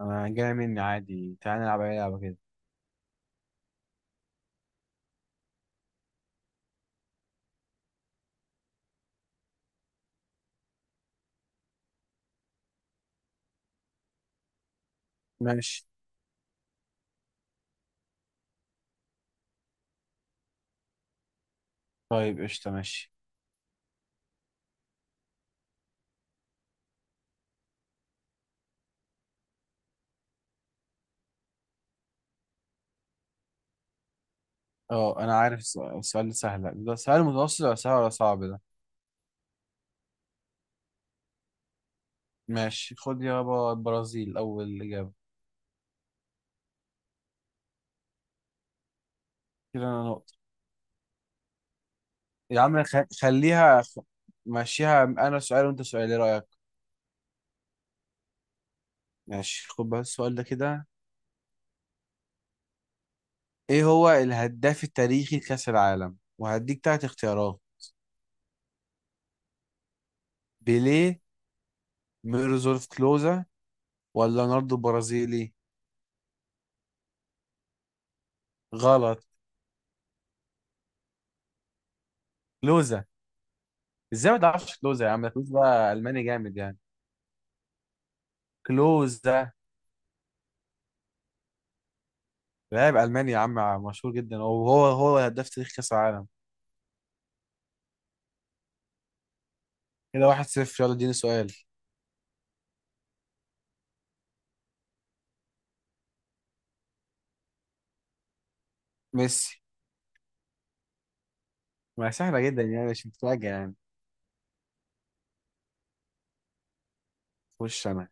انا جاي مني عادي، تعالى نلعب اي لعبه كده. ماشي. طيب، قشطه، ماشي. اه، انا عارف السؤال ده سهل، ده سؤال متوسط ولا سهل ولا صعب ده؟ ماشي، خد يابا. البرازيل اول اجابه. كده انا نقطه. يا عم خليها خ... ماشيها، انا سؤال وانت سؤال، ايه رايك؟ ماشي، خد بس السؤال ده كده. ايه هو الهداف التاريخي لكاس العالم؟ وهديك تلات اختيارات: بيليه، ميرزولف كلوزا، ولا رونالدو برازيلي. غلط. كلوزا. ازاي ما تعرفش كلوزا يا عم؟ ده كلوزا، الماني جامد يعني. كلوزا لاعب الماني يا عم، مشهور جدا، وهو هداف تاريخ كاس العالم. كده 1-0، يلا اديني سؤال. ميسي. ما سهله جدا يعني، مش متفاجئ يعني. خش انا.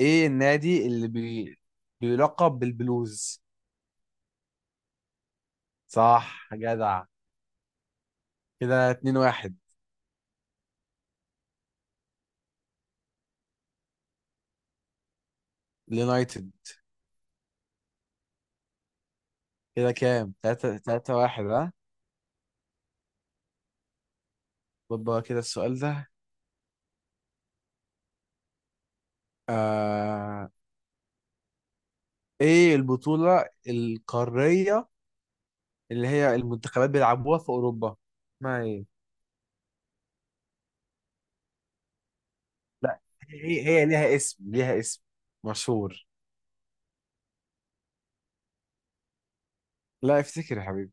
ايه النادي اللي بيلقب بالبلوز؟ صح جدع. كده 2 1. اليونايتد. كده كام؟ 3 3 1 ها. طب بقى كده السؤال ده. آه... ايه البطولة القارية اللي هي المنتخبات بيلعبوها في اوروبا، اسمها ايه؟ لا، هي ليها اسم، ليها اسم مشهور. لا افتكر يا حبيبي.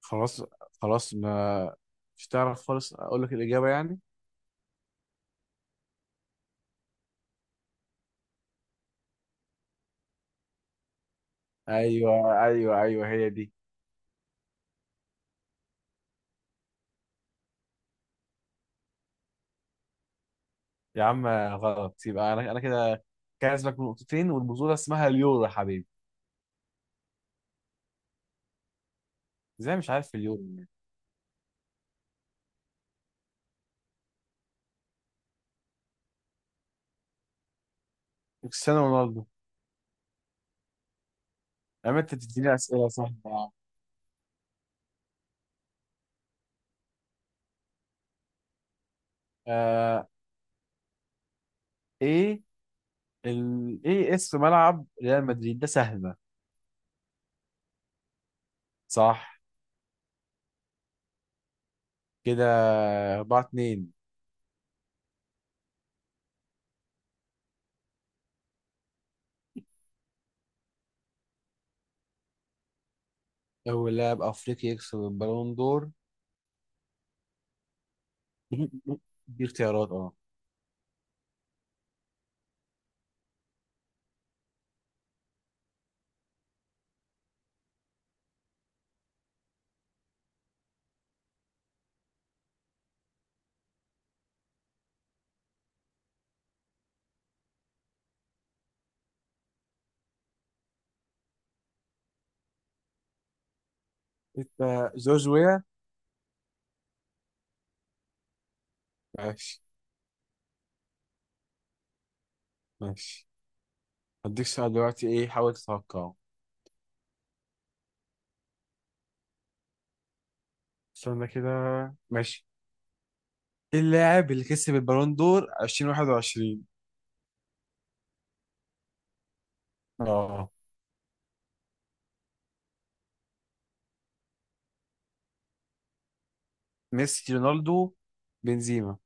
خلاص. خلاص ما. مش تعرف خالص؟ اقول لك الاجابه يعني. ايوه، ايوه، ايوه، هي دي. يا عم غلط، يبقى انا كده كاسبك بنقطتين، والبطوله اسمها اليورو يا حبيبي. ازاي مش عارف اليورو يعني؟ كريستيانو رونالدو. اما انت بتديني اسئله سهله يا عم. آه ايه، ايه اسم ملعب ريال مدريد؟ ده سهله. صح. كده 4 2. أول لاعب أفريقي يكسب البالون دور. دي اختيارات، أه. أنت جورج ويا. ماشي، ماشي، هديك سؤال دلوقتي، إيه، حاول تتوقعه. استنى كده. ماشي. إيه اللاعب اللي كسب البالون دور 2021؟ أه. ميسي، رونالدو، بنزيما.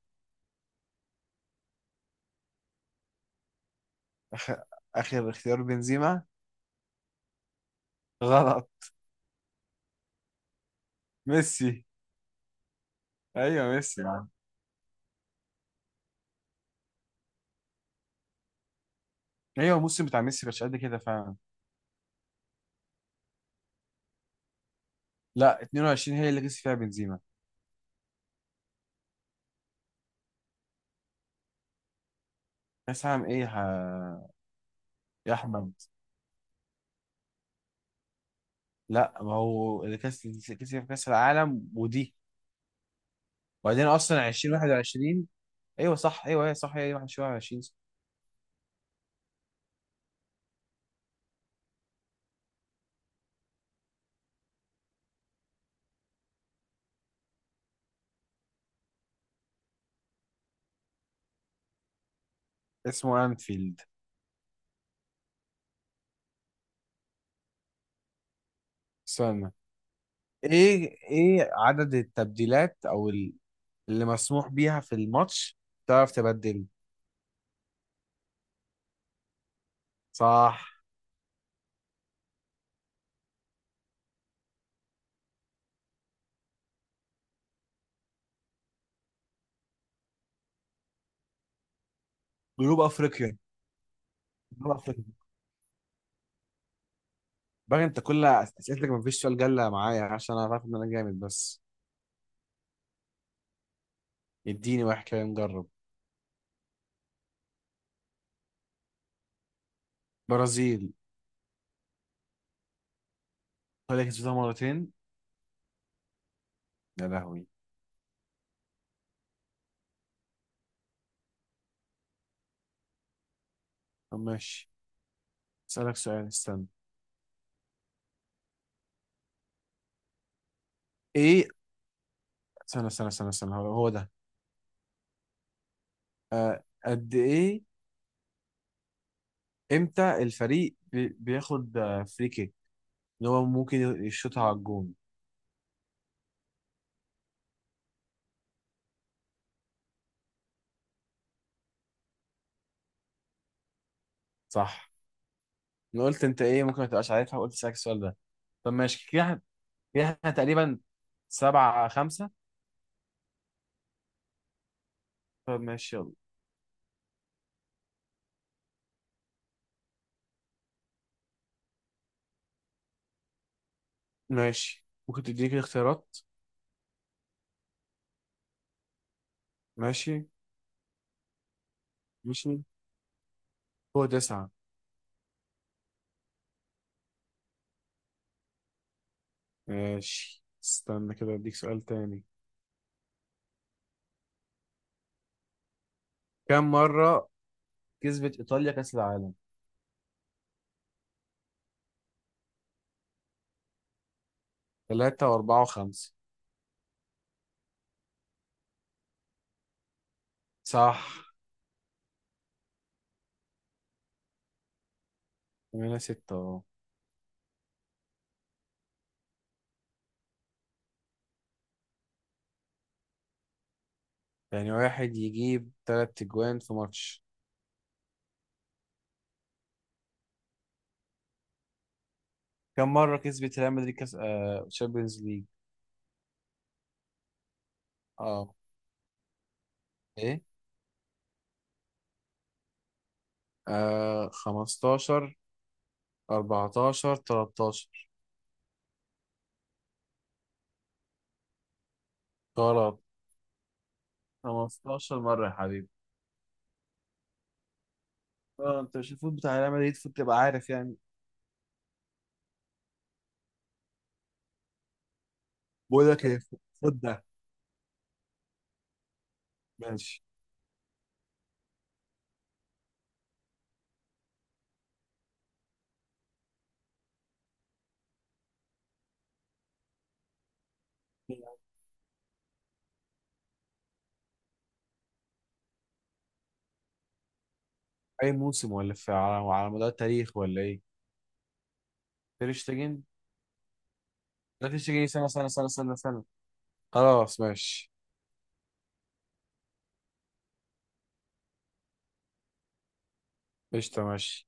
آخر آخر اختيار بنزيما. غلط. ميسي. أيوه ميسي يا عم. أيوه، الموسم بتاع ميسي مش قد كده فعلا. لا، 22 هي اللي كسب فيها بنزيما. كاس عام إيه ها؟ يا احمد. لا، ما هو اللي كسب كاس العالم ودي. وبعدين اصلا 2021. ايوه صح، ايوه هي صح، هي 21. اسمه انفيلد. استنى. ايه عدد التبديلات اللي مسموح بيها في الماتش، تعرف تبدل؟ صح. جنوب افريقيا، جنوب افريقيا. بقى انت كل اسئلتك ما فيش سؤال جله معايا، عشان انا عارف ان انا جامد بس. اديني واحد كده نجرب. برازيل. طلع كسبتها مرتين. يا لهوي. طب ماشي، اسالك سؤال. استنى. ايه. استنى، استنى، استنى، استنى، هو هو ده. آه، قد ايه؟ امتى الفريق بياخد فري كيك اللي هو ممكن يشوطها على الجون؟ صح. انا قلت انت ايه ممكن ما تبقاش عارفها، وقلت اسالك السؤال ده. طب ماشي كده احنا، كده إحنا تقريبا 7-5. طب ماشي، يلا. ماشي، ممكن تديني كده اختيارات. ماشي. ماشي. هو تسعة. ماشي، استنى كده، اديك سؤال تاني. كم مرة كسبت ايطاليا كأس العالم؟ ثلاثة وأربعة وخمسة. صح. 8-6. يعني واحد يجيب تلات أجوان في ماتش. كم مرة كسبت ريال مدريد كاس تشامبيونز ليج؟ اه. ايه. 15، 14، 13. غلط. 15 مرة يا حبيبي. اه انت مش الفوت بتاع ريال مدريد؟ المفروض تبقى عارف يعني. بقول لك ايه، خد ده. ماشي. اي موسم ولا في على مدار التاريخ، ولا ايه؟ تير شتيجن. لا، تير شتيجن، سنة سنة سنة سنة سنة. خلاص ماشي. قشطة ماشي.